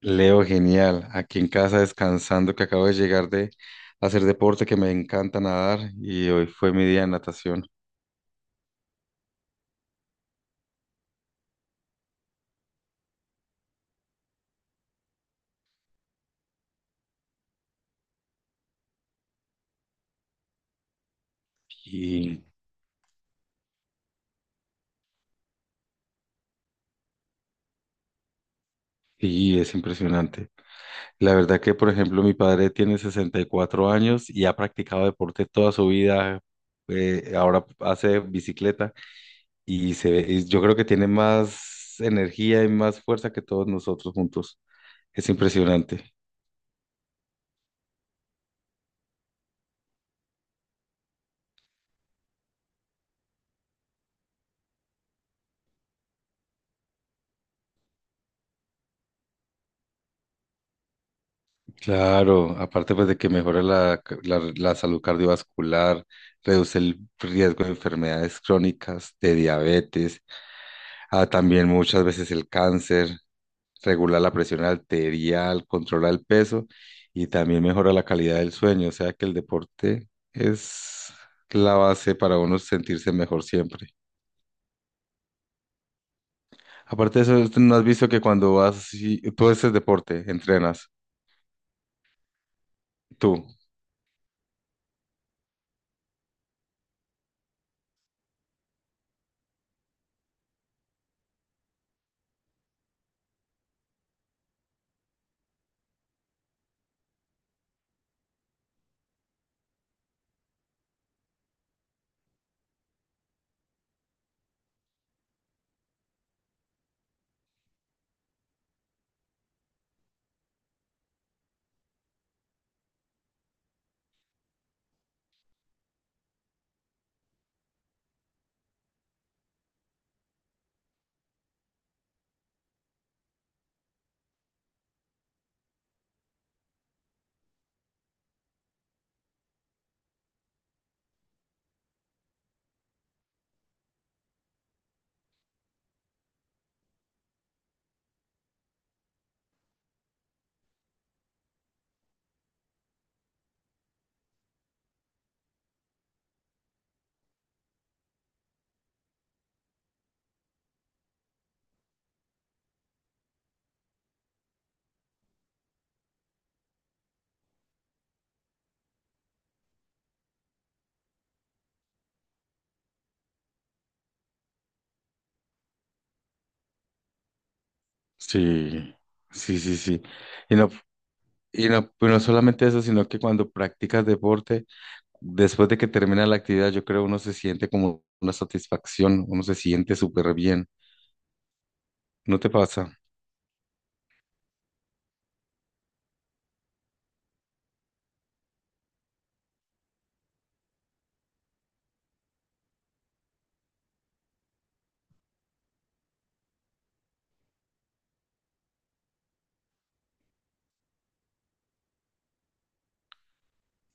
Leo, genial. Aquí en casa descansando, que acabo de llegar de hacer deporte, que me encanta nadar y hoy fue mi día de natación. Y, y es impresionante. La verdad que, por ejemplo, mi padre tiene 64 años y ha practicado deporte toda su vida. Ahora hace bicicleta y se ve, y yo creo que tiene más energía y más fuerza que todos nosotros juntos. Es impresionante. Claro, aparte pues de que mejora la salud cardiovascular, reduce el riesgo de enfermedades crónicas, de diabetes, también muchas veces el cáncer, regula la presión arterial, controla el peso y también mejora la calidad del sueño. O sea que el deporte es la base para uno sentirse mejor siempre. Aparte de eso, ¿no has visto que cuando vas y tú haces deporte, entrenas, tú? Sí, sí, sí, sí. Y no Y no, pero no solamente eso, sino que cuando practicas deporte, después de que termina la actividad, yo creo uno se siente como una satisfacción, uno se siente súper bien, ¿no te pasa?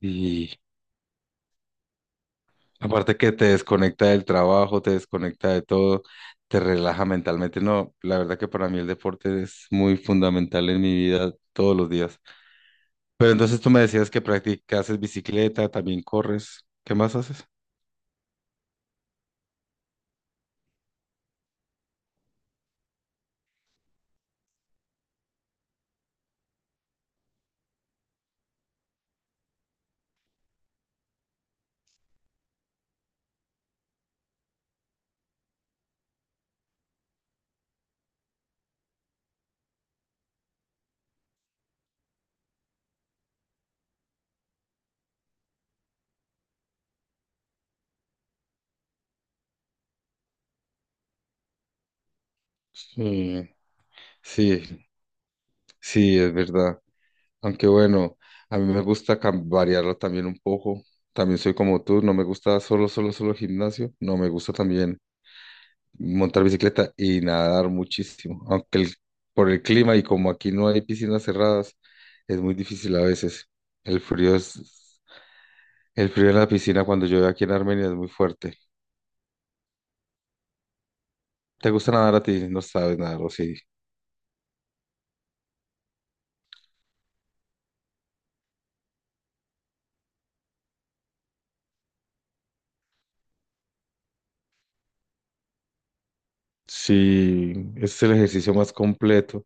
Y aparte que te desconecta del trabajo, te desconecta de todo, te relaja mentalmente. No, la verdad que para mí el deporte es muy fundamental en mi vida todos los días. Pero entonces tú me decías que practicas bicicleta, también corres, ¿qué más haces? Sí, sí, sí, es verdad. Aunque bueno, a mí me gusta variarlo también un poco. También soy como tú, no me gusta solo, solo, solo gimnasio. No me gusta también montar bicicleta y nadar muchísimo. Por el clima y como aquí no hay piscinas cerradas, es muy difícil a veces. El frío es, el frío en la piscina cuando llueve aquí en Armenia es muy fuerte. ¿Te gusta nadar a ti? No sabes nadar, o sí. Sí, ese es el ejercicio más completo.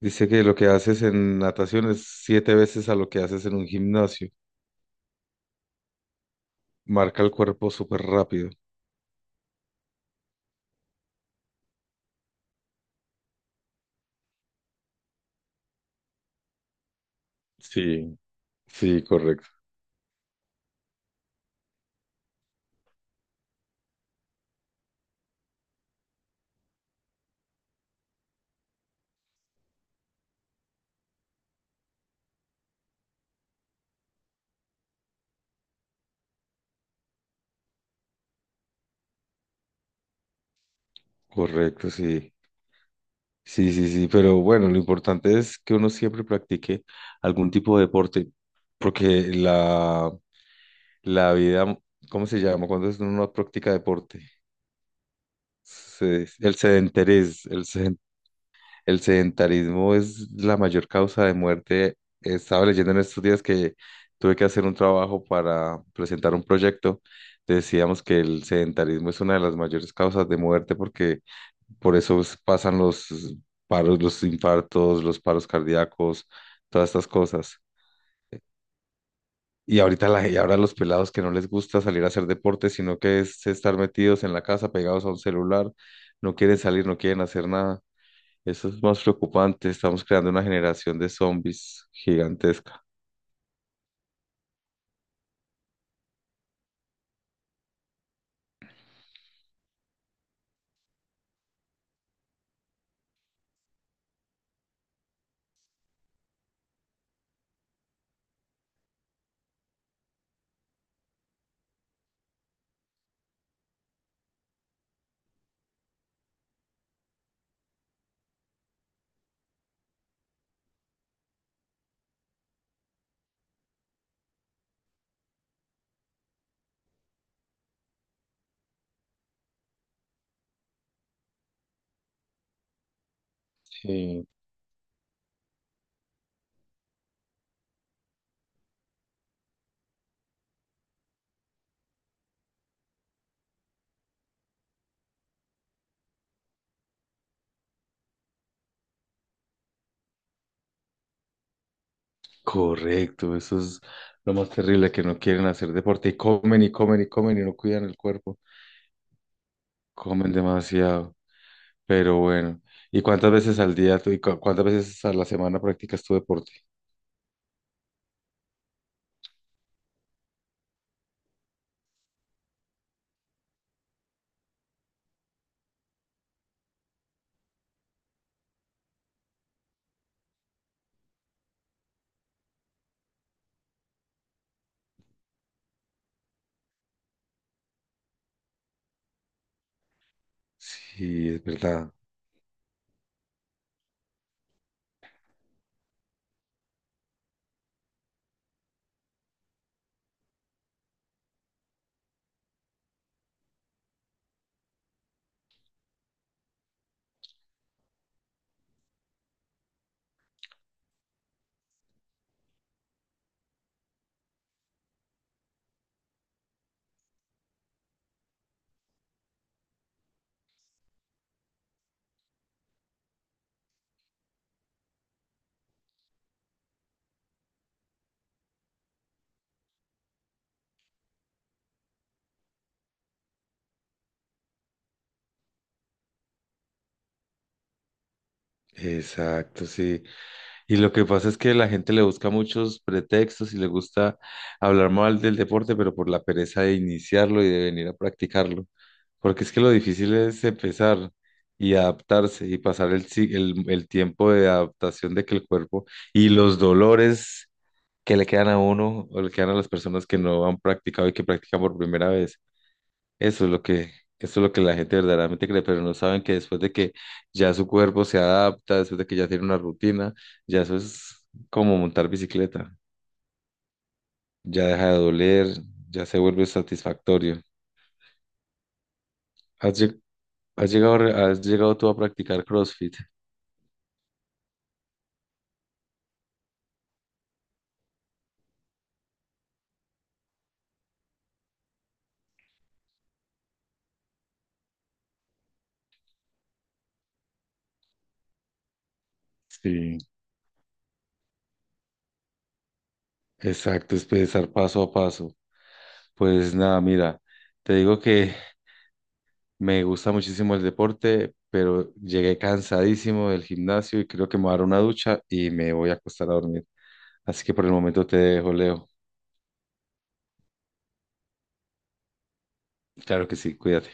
Dice que lo que haces en natación es siete veces a lo que haces en un gimnasio. Marca el cuerpo súper rápido. Sí, sí, correcto, correcto, sí. Sí, sí, sí, pero bueno, lo importante es que uno siempre practique algún tipo de deporte, porque la vida, ¿cómo se llama? Uno no practica deporte, el sedentarismo, el... El sedentarismo es la mayor causa de muerte. Estaba leyendo en estos días que tuve que hacer un trabajo para presentar un proyecto. Decíamos que el sedentarismo es una de las mayores causas de muerte porque pasan los paros, los infartos, los paros cardíacos, todas estas cosas. Y ahora los pelados que no les gusta salir a hacer deporte, sino que es estar metidos en la casa, pegados a un celular, no quieren salir, no quieren hacer nada. Eso es más preocupante. Estamos creando una generación de zombies gigantesca. Sí, correcto. Eso es lo más terrible, que no quieren hacer deporte y comen y comen y comen y no cuidan el cuerpo. Comen demasiado. Pero bueno, ¿y cuántas veces al día tú- y cu- cuántas veces a la semana practicas tu deporte? Sí, es verdad. Exacto, sí. Y lo que pasa es que la gente le busca muchos pretextos y le gusta hablar mal del deporte, pero por la pereza de iniciarlo y de venir a practicarlo. Porque es que lo difícil es empezar y adaptarse y pasar el, si- el tiempo de adaptación de que el cuerpo y los dolores que le quedan a uno o le quedan a las personas que no han practicado y que practican por primera vez. Eso es lo que, eso es lo que la gente verdaderamente cree, pero no saben que después de que ya su cuerpo se adapta, después de que ya tiene una rutina, ya eso es como montar bicicleta, ya deja de doler, ya se vuelve satisfactorio. ¿Has, lleg- has llegado, has llegado tú a practicar CrossFit? Sí, exacto, es pensar paso a paso. Pues nada, mira, te digo que me gusta muchísimo el deporte, pero llegué cansadísimo del gimnasio y creo que me voy a dar una ducha y me voy a acostar a dormir. Así que por el momento te dejo, Leo. Claro que sí, cuídate.